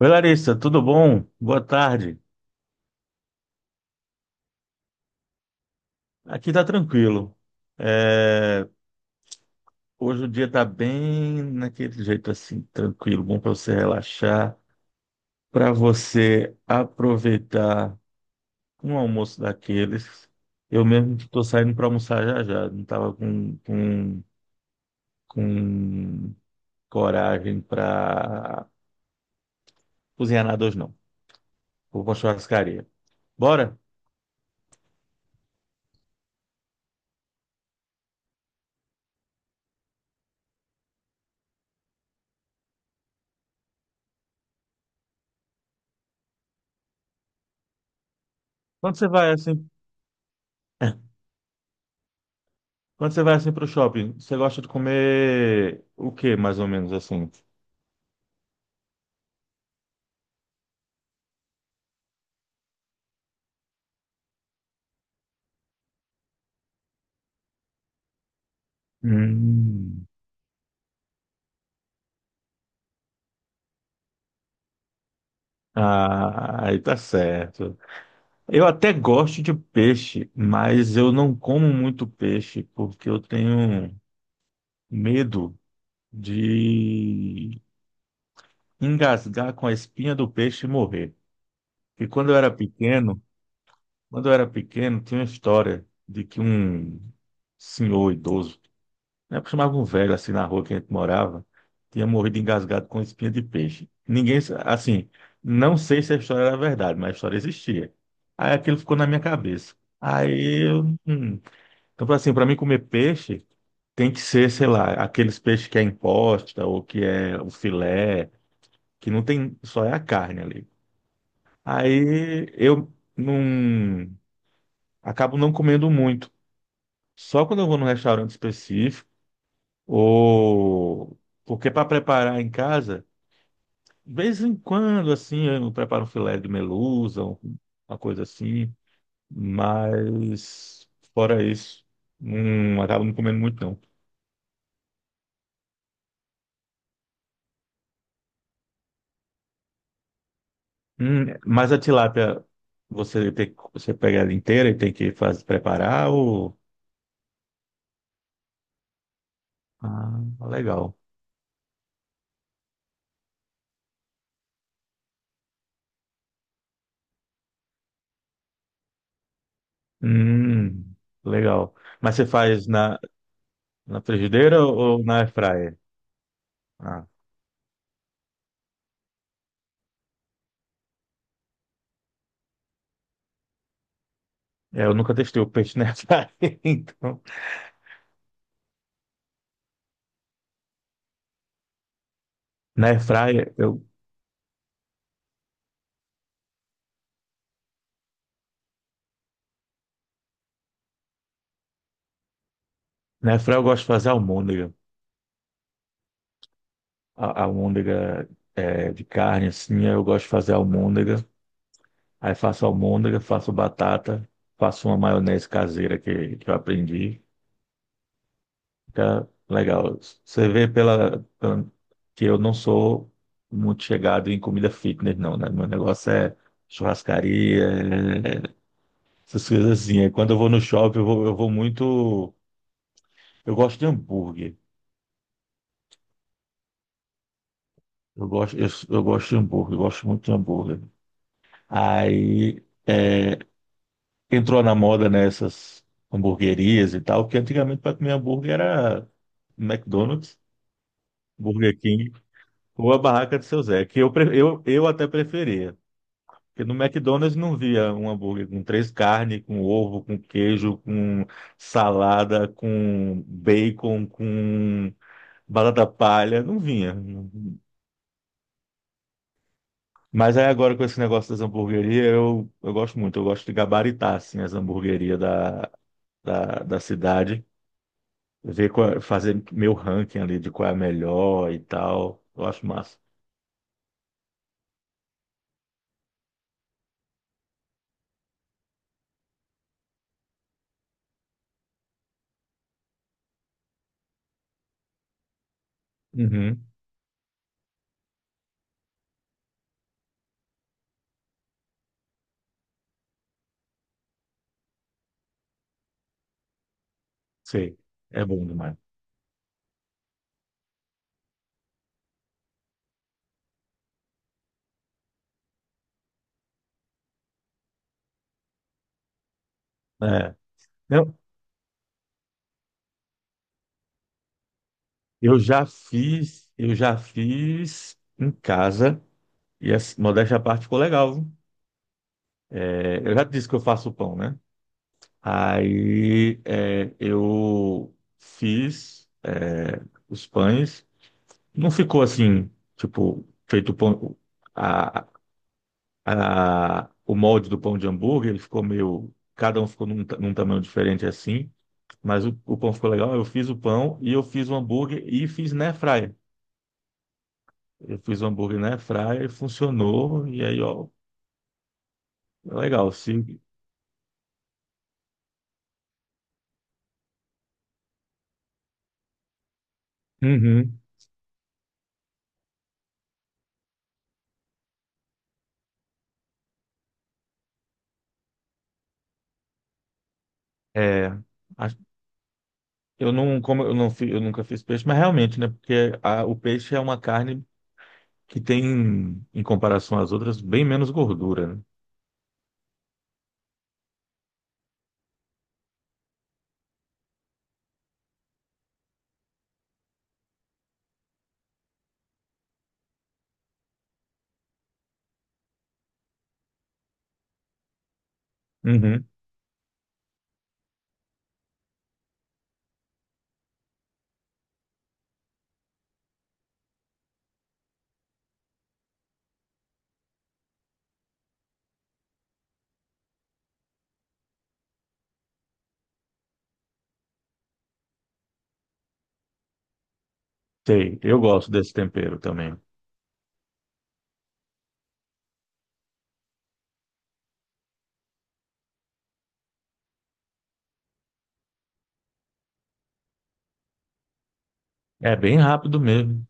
Oi, Larissa, tudo bom? Boa tarde. Aqui tá tranquilo. É, Hoje o dia tá bem naquele jeito assim, tranquilo, bom para você relaxar, para você aproveitar um almoço daqueles. Eu mesmo estou saindo para almoçar já já, não estava com coragem para cozinhar nada hoje não. Vou para churrascaria. Bora? Quando você vai assim? Quando você vai assim pro shopping, você gosta de comer o que mais ou menos assim? Hum. Ah, aí tá certo. Eu até gosto de peixe, mas eu não como muito peixe porque eu tenho medo de engasgar com a espinha do peixe e morrer. E quando eu era pequeno, tinha uma história de que um senhor idoso, né? Chamava um velho assim na rua que a gente morava, tinha morrido engasgado com espinha de peixe. Assim, não sei se a história era verdade, mas a história existia. Aí aquilo ficou na minha cabeça. Aí, eu, hum. Então, assim, para mim comer peixe tem que ser, sei lá, aqueles peixes que é imposta ou que é o filé, que não tem, só é a carne ali. Aí eu não acabo não comendo muito. Só quando eu vou num restaurante específico ou, porque para preparar em casa, de vez em quando assim, eu preparo um filé de merluza, uma coisa assim, mas fora isso, não acabo não comendo muito não. Mas a tilápia você pega ela inteira e tem que fazer preparar ou ah, legal. Hum, legal. Mas você faz na frigideira ou na airfryer? Ah, é, eu nunca testei o peixe na airfryer, então na airfryer eu na airfryer eu gosto de fazer almôndega. Almôndega é, de carne, assim, eu gosto de fazer almôndega. Aí faço almôndega, faço batata, faço uma maionese caseira que eu aprendi. Fica legal. Você vê que eu não sou muito chegado em comida fitness, não, né? Meu negócio é churrascaria, é- essas coisas assim. Aí quando eu vou no shopping, eu vou muito... Eu gosto de hambúrguer. Eu gosto, eu gosto de hambúrguer, eu gosto muito de hambúrguer. Aí é, entrou na moda nessas hamburguerias e tal, que antigamente para comer hambúrguer era McDonald's, Burger King ou a barraca de seu Zé, que eu até preferia. Porque no McDonald's não via um hambúrguer com três carnes, com ovo, com queijo, com salada, com bacon, com batata palha, não vinha. Mas aí agora com esse negócio das hamburguerias, eu gosto muito, eu gosto de gabaritar assim, as hamburguerias da cidade, ver qual, é, fazer meu ranking ali de qual é a melhor e tal. Eu acho massa. Uhum, sei. É bom demais. É. Não, eu já fiz em casa e essa modéstia à parte ficou legal, viu? É, eu já disse que eu faço pão, né? Aí é, eu fiz é, os pães. Não ficou assim, tipo, feito pão, a, a- o molde do pão de hambúrguer, ele ficou meio. Cada um ficou num tamanho diferente assim, mas o pão ficou legal. Eu fiz o pão e eu fiz o hambúrguer e fiz na airfryer. Eu fiz o hambúrguer na airfryer e funcionou. E aí, ó, legal. Se, uhum. É, a- eu não como eu não fi- eu nunca fiz peixe, mas realmente, né? Porque a- o peixe é uma carne que tem, em comparação às outras, bem menos gordura, né? Uhum. Sei, eu gosto desse tempero também. É bem rápido mesmo.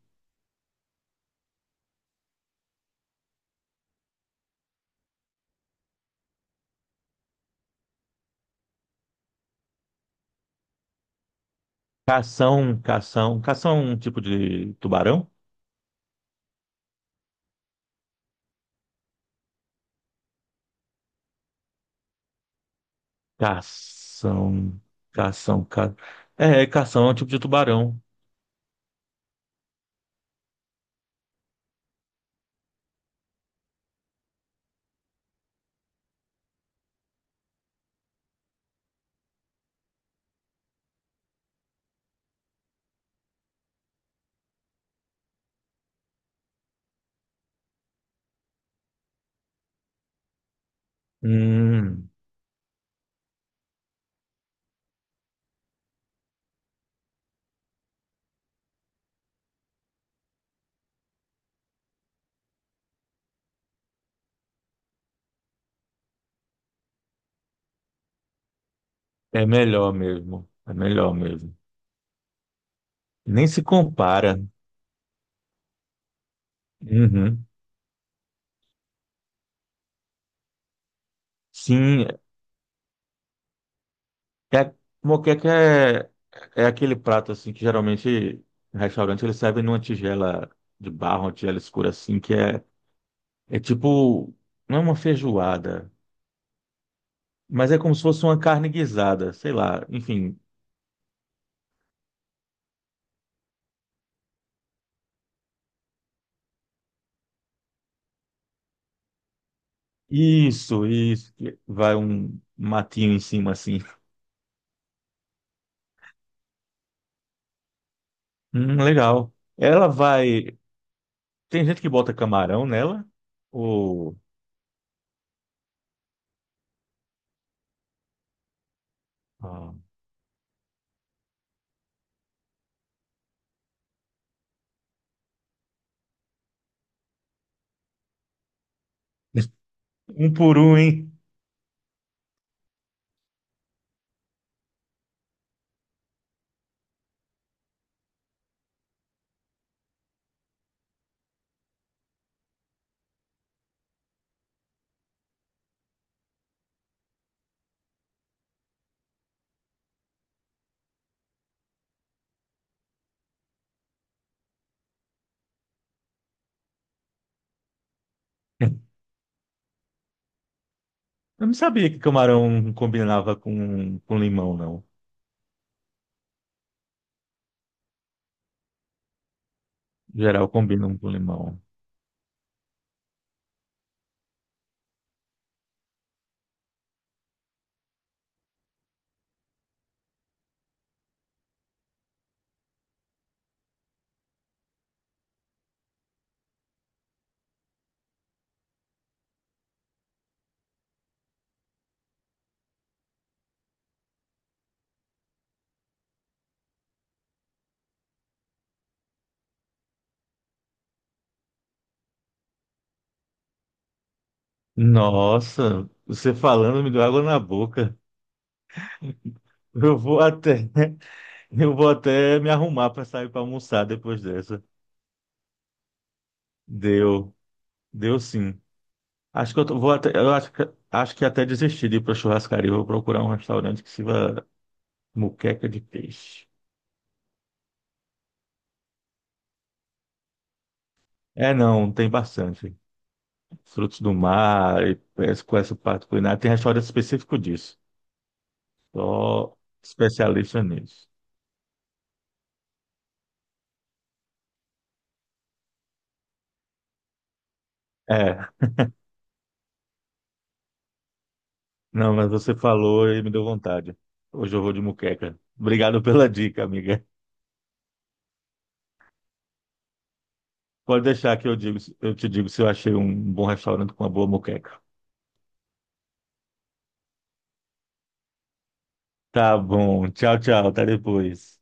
Cação. Cação é um tipo de tubarão? Cação, cação, ca... É, cação é um tipo de tubarão. Hum, é melhor mesmo. É melhor mesmo. Nem se compara. Uhum. Sim, é, moqueca é aquele prato assim que geralmente em restaurante eles servem numa tigela de barro, uma tigela escura assim, que é, é tipo, não é uma feijoada, mas é como se fosse uma carne guisada, sei lá, enfim. Isso, isso. Que vai um matinho em cima assim. Legal. Ela vai. Tem gente que bota camarão nela? Ou. Ah, um por um, hein? Eu não sabia que camarão combinava com limão, não. Em geral combinam com limão. Nossa, você falando me deu água na boca. Eu vou até, eu vou até me arrumar para sair para almoçar depois dessa. Deu, deu sim. Acho que eu tô- vou até, eu acho que até desisti de ir para churrascaria. Vou procurar um restaurante que sirva moqueca de peixe. É, não, tem bastante. Frutos do mar, e essa- com essa parte culinária. Tem restaurante específico disso. Só especialista nisso. É, não, mas você falou e me deu vontade. Hoje eu vou de moqueca. Obrigado pela dica, amiga. Pode deixar que eu digo, eu te digo se eu achei um bom restaurante com uma boa moqueca. Tá bom. Tchau, tchau. Até depois.